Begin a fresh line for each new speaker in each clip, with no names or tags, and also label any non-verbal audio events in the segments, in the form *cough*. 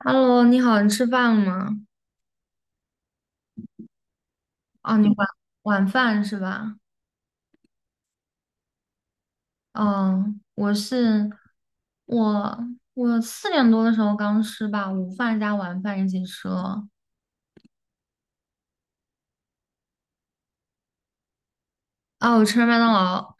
Hello，你好，你吃饭了吗？哦，你晚饭是吧？嗯，我是我我4点多的时候刚吃吧，午饭加晚饭一起吃了。啊，我吃了麦当劳。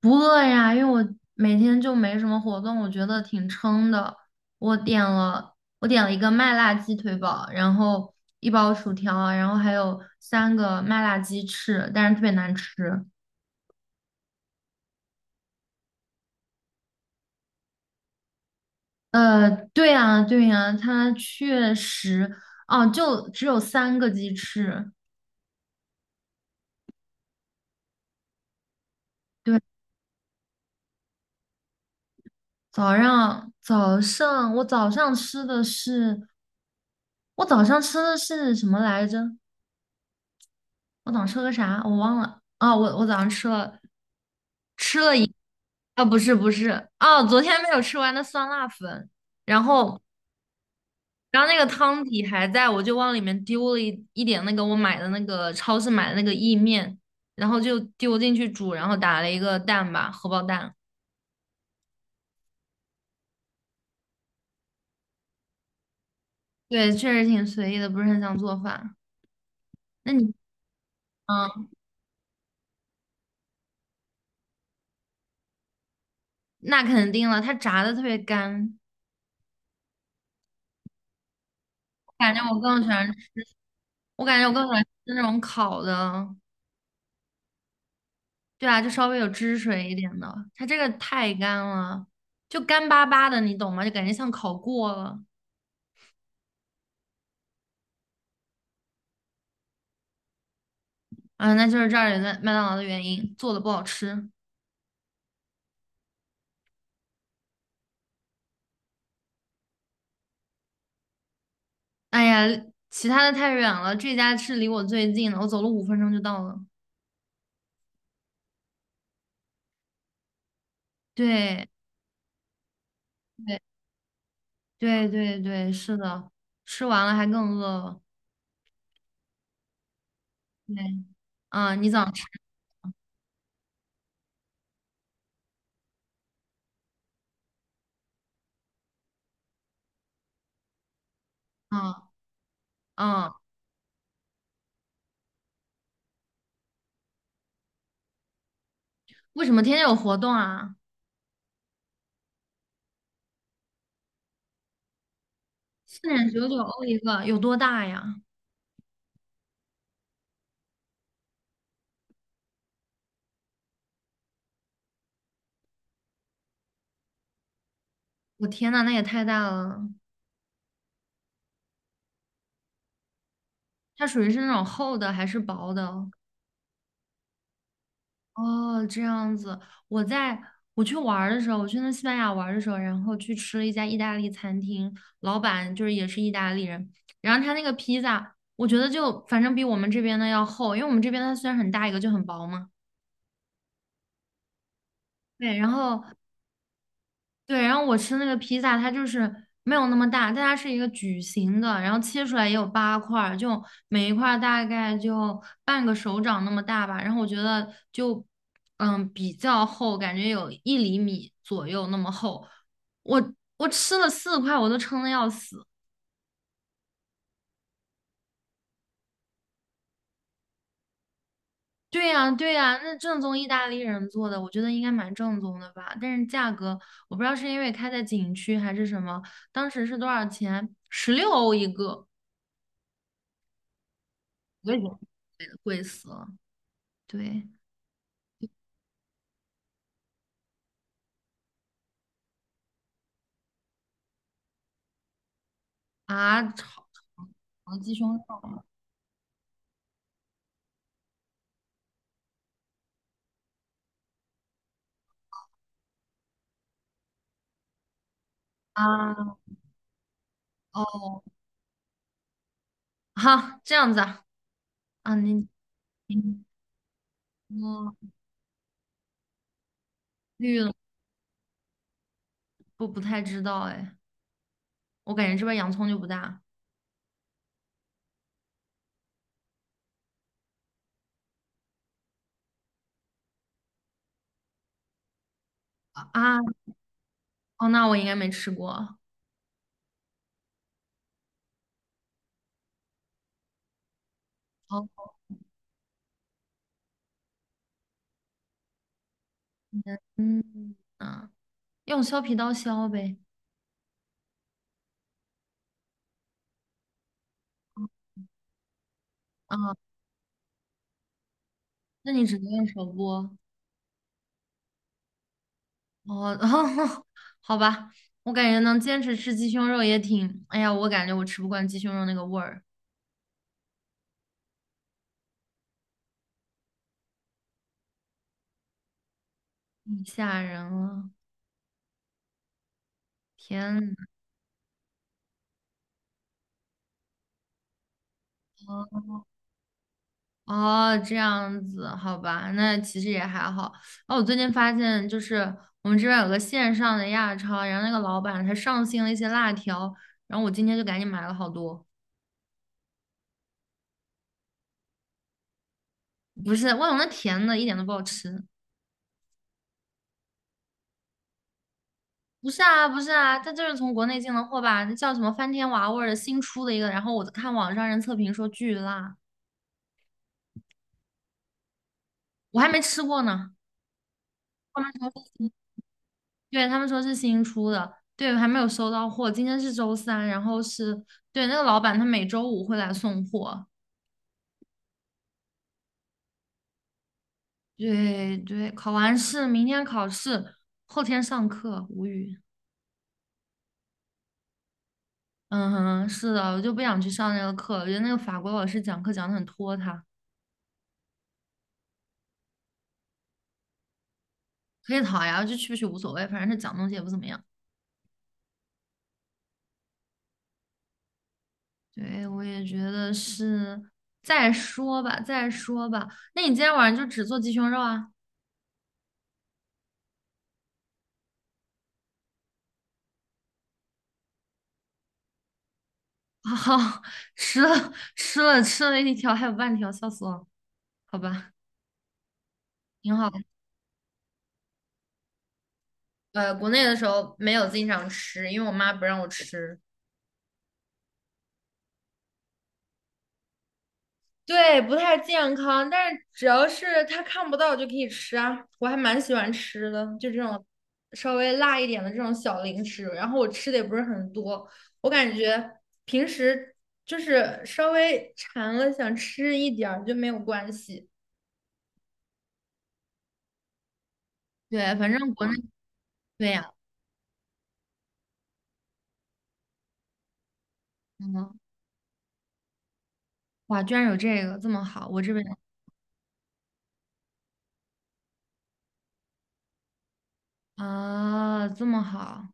不饿呀，因为我每天就没什么活动，我觉得挺撑的。我点了我点了一个麦辣鸡腿堡，然后一包薯条啊，然后还有三个麦辣鸡翅，但是特别难吃。对呀，对呀，它确实，哦，就只有三个鸡翅。对。早上早上我早上吃的是我早上吃的是什么来着？我早上吃了个啥？我忘了。啊！我早上吃了。啊，不是不是，哦，昨天没有吃完的酸辣粉，然后然后那个汤底还在，我就往里面丢了一点那个我买的那个超市买的那个意面，然后就丢进去煮，然后打了一个蛋吧，荷包蛋。对，确实挺随意的，不是很想做饭。那你，嗯，那肯定了，它炸的特别干。感觉我更喜欢，我感觉我更喜欢吃那种烤的。对啊，就稍微有汁水一点的，它这个太干了，就干巴巴的，你懂吗？就感觉像烤过了。啊，那就是这儿也在麦当劳的原因，做的不好吃。哎呀，其他的太远了，这家是离我最近的，我走了5分钟就到了。对，对，对，对，对，是的，吃完了还更饿了。对。啊，你早吃啊，啊，为什么天天有活动啊？4.99欧一个，有多大呀？我天呐，那也太大了！它属于是那种厚的还是薄的？哦，这样子。我在我去玩儿的时候，我去那西班牙玩儿的时候，然后去吃了一家意大利餐厅，老板就是也是意大利人，然后他那个披萨，我觉得就反正比我们这边的要厚，因为我们这边它虽然很大一个就很薄嘛。对，然后对，然后我吃那个披萨，它就是没有那么大，但它是一个矩形的，然后切出来也有八块儿，就每一块儿大概就半个手掌那么大吧。然后我觉得就比较厚，感觉有1厘米左右那么厚。我我吃了四块，我都撑得要死。对呀，对呀，那正宗意大利人做的，我觉得应该蛮正宗的吧。但是价格，我不知道是因为开在景区还是什么，当时是多少钱？16欧一个。我也觉得贵的贵死了。对啊，炒鸡胸肉啊，哦，哈，这样子啊。啊，你说绿了，不太知道哎，我感觉这边洋葱就不大啊。哦，那我应该没吃过。哦，嗯嗯啊，用削皮刀削呗。啊，那你只能用手剥。哦，*laughs* 好吧，我感觉能坚持吃鸡胸肉也挺，哎呀，我感觉我吃不惯鸡胸肉那个味儿。嗯吓人了，天。哦，这样子，好吧，那其实也还好。哦，我最近发现，就是我们这边有个线上的亚超，然后那个老板他上新了一些辣条，然后我今天就赶紧买了好多。不是，我有那甜的一点都不好吃。不是啊，不是啊，他就是从国内进的货吧？那叫什么翻天娃味儿的新出的一个，然后我看网上人测评说巨辣，我还没吃过呢。他们说对，他们说是新出的，对，还没有收到货。今天是周三，然后是，对，那个老板他每周五会来送货。对对，考完试，明天考试，后天上课，无语。嗯哼，是的，我就不想去上那个课了，我觉得那个法国老师讲课讲得很拖沓。可以逃呀，就去不去无所谓，反正他讲东西也不怎么样。对，我也觉得是，再说吧，再说吧。那你今天晚上就只做鸡胸肉啊？*laughs* 好，吃了一条，还有半条，笑死我了。好吧，挺好的。国内的时候没有经常吃，因为我妈不让我吃。对，不太健康，但是只要是它看不到就可以吃啊。我还蛮喜欢吃的，就这种稍微辣一点的这种小零食。然后我吃的也不是很多，我感觉平时就是稍微馋了想吃一点儿就没有关系。对，反正国内对呀，嗯。哇，居然有这个，这么好，我这边啊，这么好，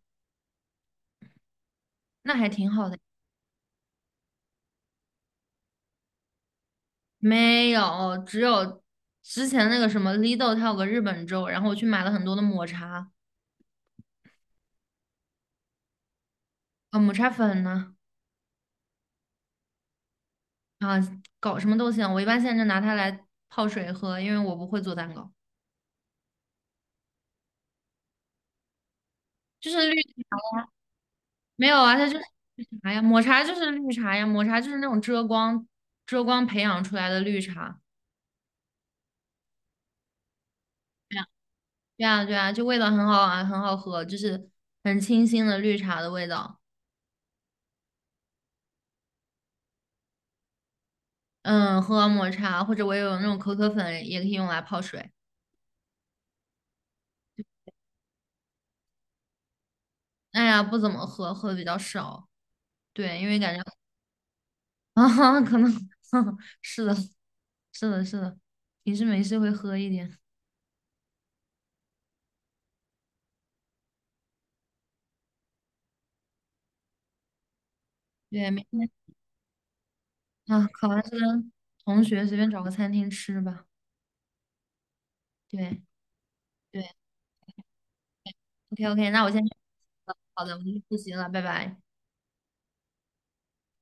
那还挺好的。没有，只有之前那个什么 l 豆，它有个日本粥，然后我去买了很多的抹茶。啊，抹茶粉呢。啊，搞什么都行。我一般现在就拿它来泡水喝，因为我不会做蛋糕。就是绿，没有啊，它就是绿茶呀，抹茶就是绿茶呀，抹茶就是那种遮光培养出来的绿茶。对呀，对啊，对啊，就味道很好啊，很好喝，就是很清新的绿茶的味道。嗯，喝抹茶或者我也有那种可可粉，也可以用来泡水。哎呀，不怎么喝，喝的比较少。对，因为感觉 *laughs* 啊，可能 *laughs* 是的，是的，是的，平时没事会喝一点。对，明天啊，考完试跟同学随便找个餐厅吃吧。对对，OK OK，那我先去，好的，我先去复习了，拜拜。